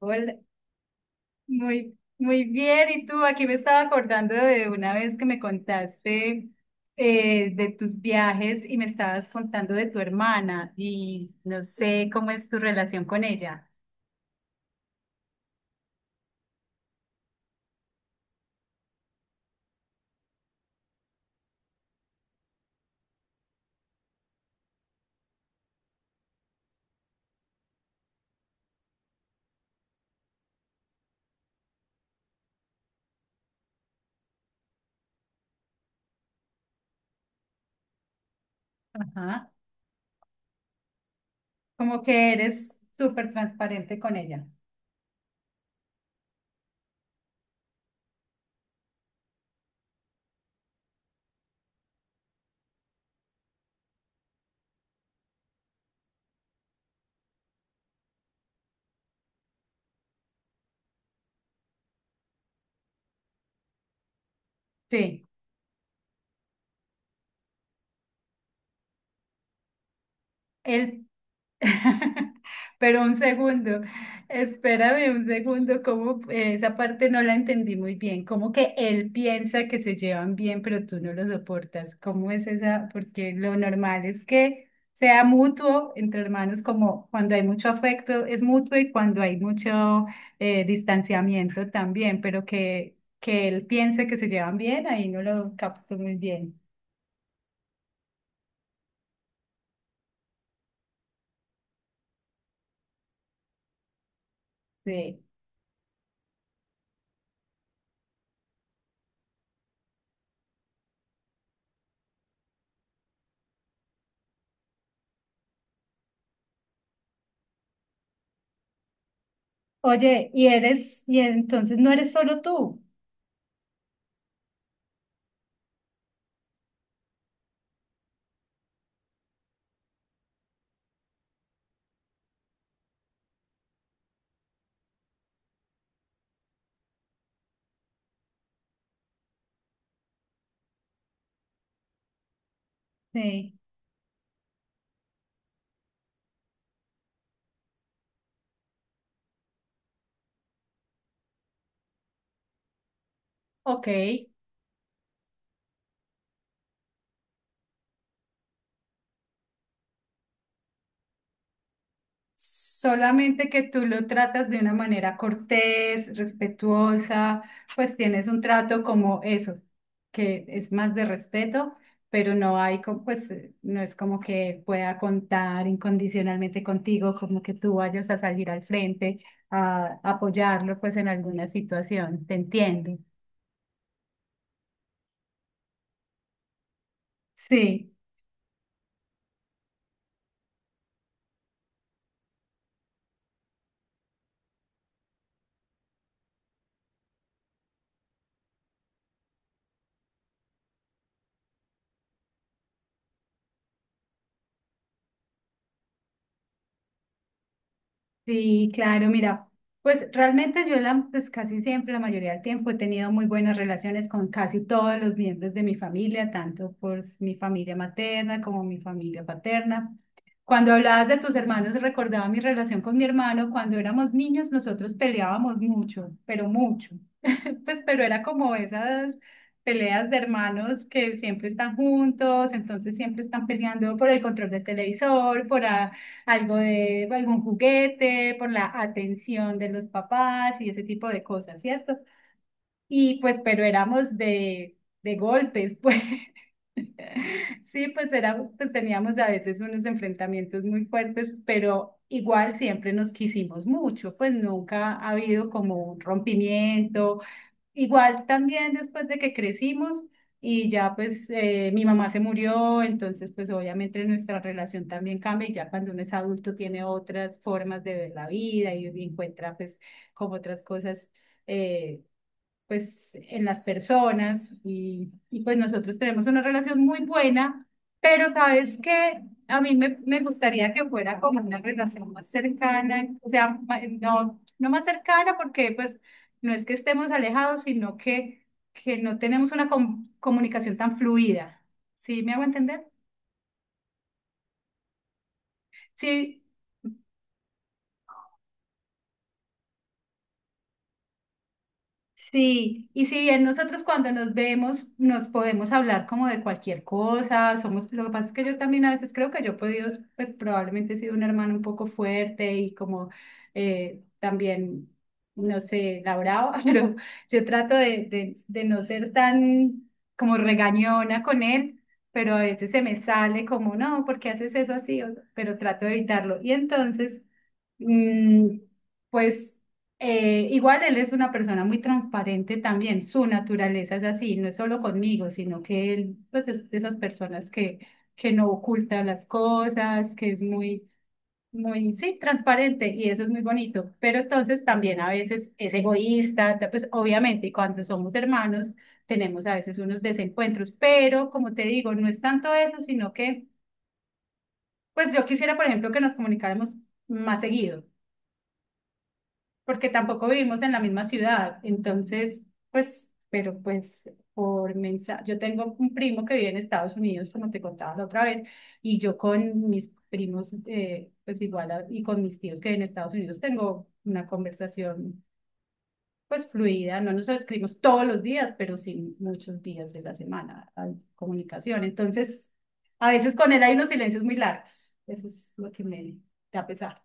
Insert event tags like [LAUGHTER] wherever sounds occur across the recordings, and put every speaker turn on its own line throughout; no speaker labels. Hola, muy bien. ¿Y tú? Aquí me estaba acordando de una vez que me contaste de tus viajes y me estabas contando de tu hermana y no sé cómo es tu relación con ella. Ajá. Como que eres súper transparente con ella. Sí. El [LAUGHS] Pero un segundo, espérame un segundo, como esa parte no la entendí muy bien, como que él piensa que se llevan bien, pero tú no lo soportas, ¿cómo es esa? Porque lo normal es que sea mutuo entre hermanos, como cuando hay mucho afecto es mutuo y cuando hay mucho distanciamiento también, pero que él piense que se llevan bien, ahí no lo capto muy bien. Sí. Oye, y entonces no eres solo tú. Sí. Ok, solamente que tú lo tratas de una manera cortés, respetuosa, pues tienes un trato como eso, que es más de respeto, pero pues no es como que pueda contar incondicionalmente contigo, como que tú vayas a salir al frente a apoyarlo pues en alguna situación, te entiendo. Sí. Sí, claro, mira, pues realmente pues casi siempre, la mayoría del tiempo he tenido muy buenas relaciones con casi todos los miembros de mi familia, tanto por mi familia materna como mi familia paterna. Cuando hablabas de tus hermanos, recordaba mi relación con mi hermano. Cuando éramos niños, nosotros peleábamos mucho, pero mucho pues, pero era como esas peleas de hermanos que siempre están juntos, entonces siempre están peleando por el control del televisor, por algo de algún juguete, por la atención de los papás y ese tipo de cosas, ¿cierto? Y pues, pero de golpes, pues. [LAUGHS] Sí, pues era, pues teníamos a veces unos enfrentamientos muy fuertes, pero igual siempre nos quisimos mucho, pues nunca ha habido como un rompimiento. Igual también después de que crecimos y ya pues mi mamá se murió, entonces pues obviamente nuestra relación también cambia y ya cuando uno es adulto tiene otras formas de ver la vida y encuentra pues como otras cosas eh, pues en las personas y pues nosotros tenemos una relación muy buena, pero sabes que me gustaría que fuera como una relación más cercana, o sea, no, no más cercana porque pues no es que estemos alejados, sino que no tenemos una comunicación tan fluida. ¿Sí me hago entender? Sí, sí, y si bien nosotros cuando nos vemos nos podemos hablar como de cualquier cosa, somos, lo que pasa es que yo también a veces creo que pues probablemente he sido un hermano un poco fuerte y como también, no sé, la brava, [LAUGHS] pero yo trato de no ser tan como regañona con él, pero a veces se me sale como, no, ¿por qué haces eso así? O- Pero trato de evitarlo. Y entonces... Mm, pues igual él es una persona muy transparente también, su naturaleza es así, no es solo conmigo, sino que él pues es de esas personas que no oculta las cosas, que es sí, transparente y eso es muy bonito, pero entonces también a veces es egoísta, pues obviamente y cuando somos hermanos tenemos a veces unos desencuentros, pero como te digo, no es tanto eso, sino que pues yo quisiera, por ejemplo, que nos comunicáramos más seguido porque tampoco vivimos en la misma ciudad. Entonces, pues, pero pues por mensaje, yo tengo un primo que vive en Estados Unidos, como te contaba la otra vez, y yo con mis primos, pues igual, y con mis tíos que en Estados Unidos tengo una conversación pues fluida, no nos escribimos todos los días, pero sí muchos días de la semana hay comunicación. Entonces, a veces con él hay unos silencios muy largos. Eso es lo que me da pesar.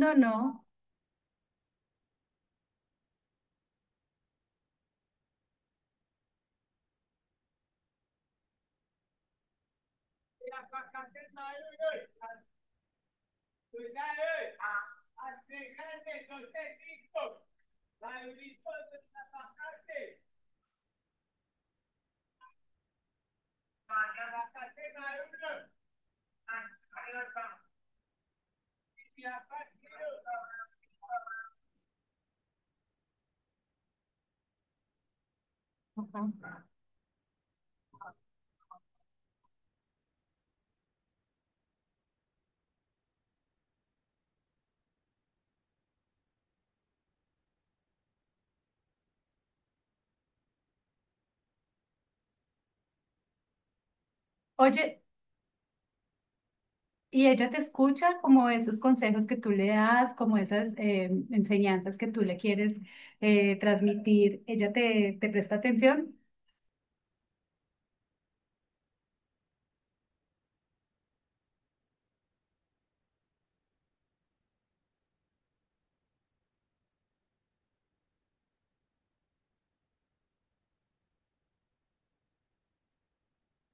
No, no. Ajá. Oye, y ella te escucha como esos consejos que tú le das, como esas enseñanzas que tú le quieres transmitir. Ella te presta atención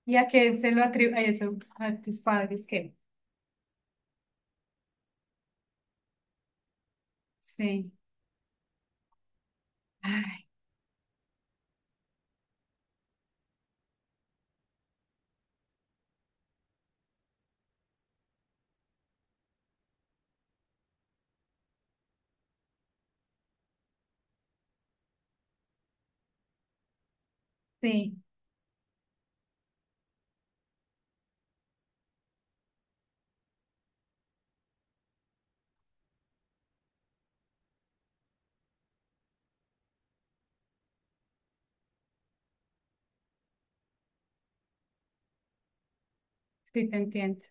y a qué se lo atribuye eso a tus padres que sí, ay, sí, sí te entiendo.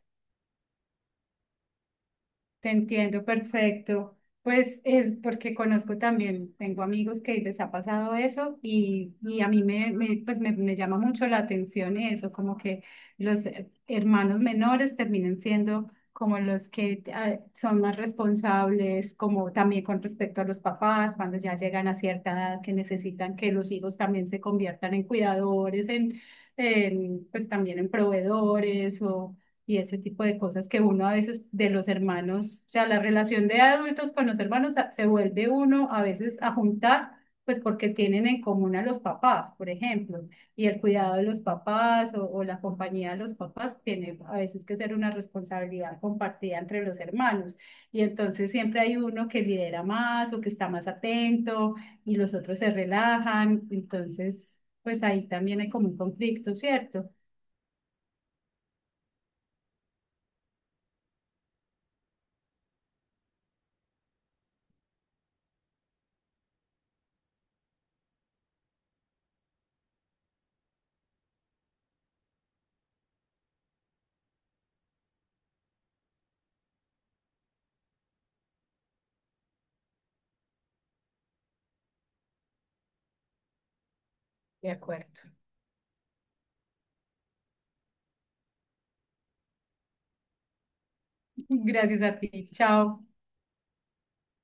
Te entiendo, perfecto. Pues es porque conozco también, tengo amigos que les ha pasado eso y a mí me, me, pues me llama mucho la atención eso, como que los hermanos menores terminen siendo como los que son más responsables, como también con respecto a los papás, cuando ya llegan a cierta edad que necesitan que los hijos también se conviertan en cuidadores, en, pues también en proveedores o y ese tipo de cosas que uno a veces de los hermanos, o sea, la relación de adultos con los hermanos se vuelve uno a veces a juntar, pues porque tienen en común a los papás, por ejemplo, y el cuidado de los papás o la compañía de los papás tiene a veces que ser una responsabilidad compartida entre los hermanos. Y entonces siempre hay uno que lidera más o que está más atento y los otros se relajan, entonces, pues ahí también hay como un conflicto, ¿cierto? De acuerdo. [LAUGHS] Gracias a ti. Chao.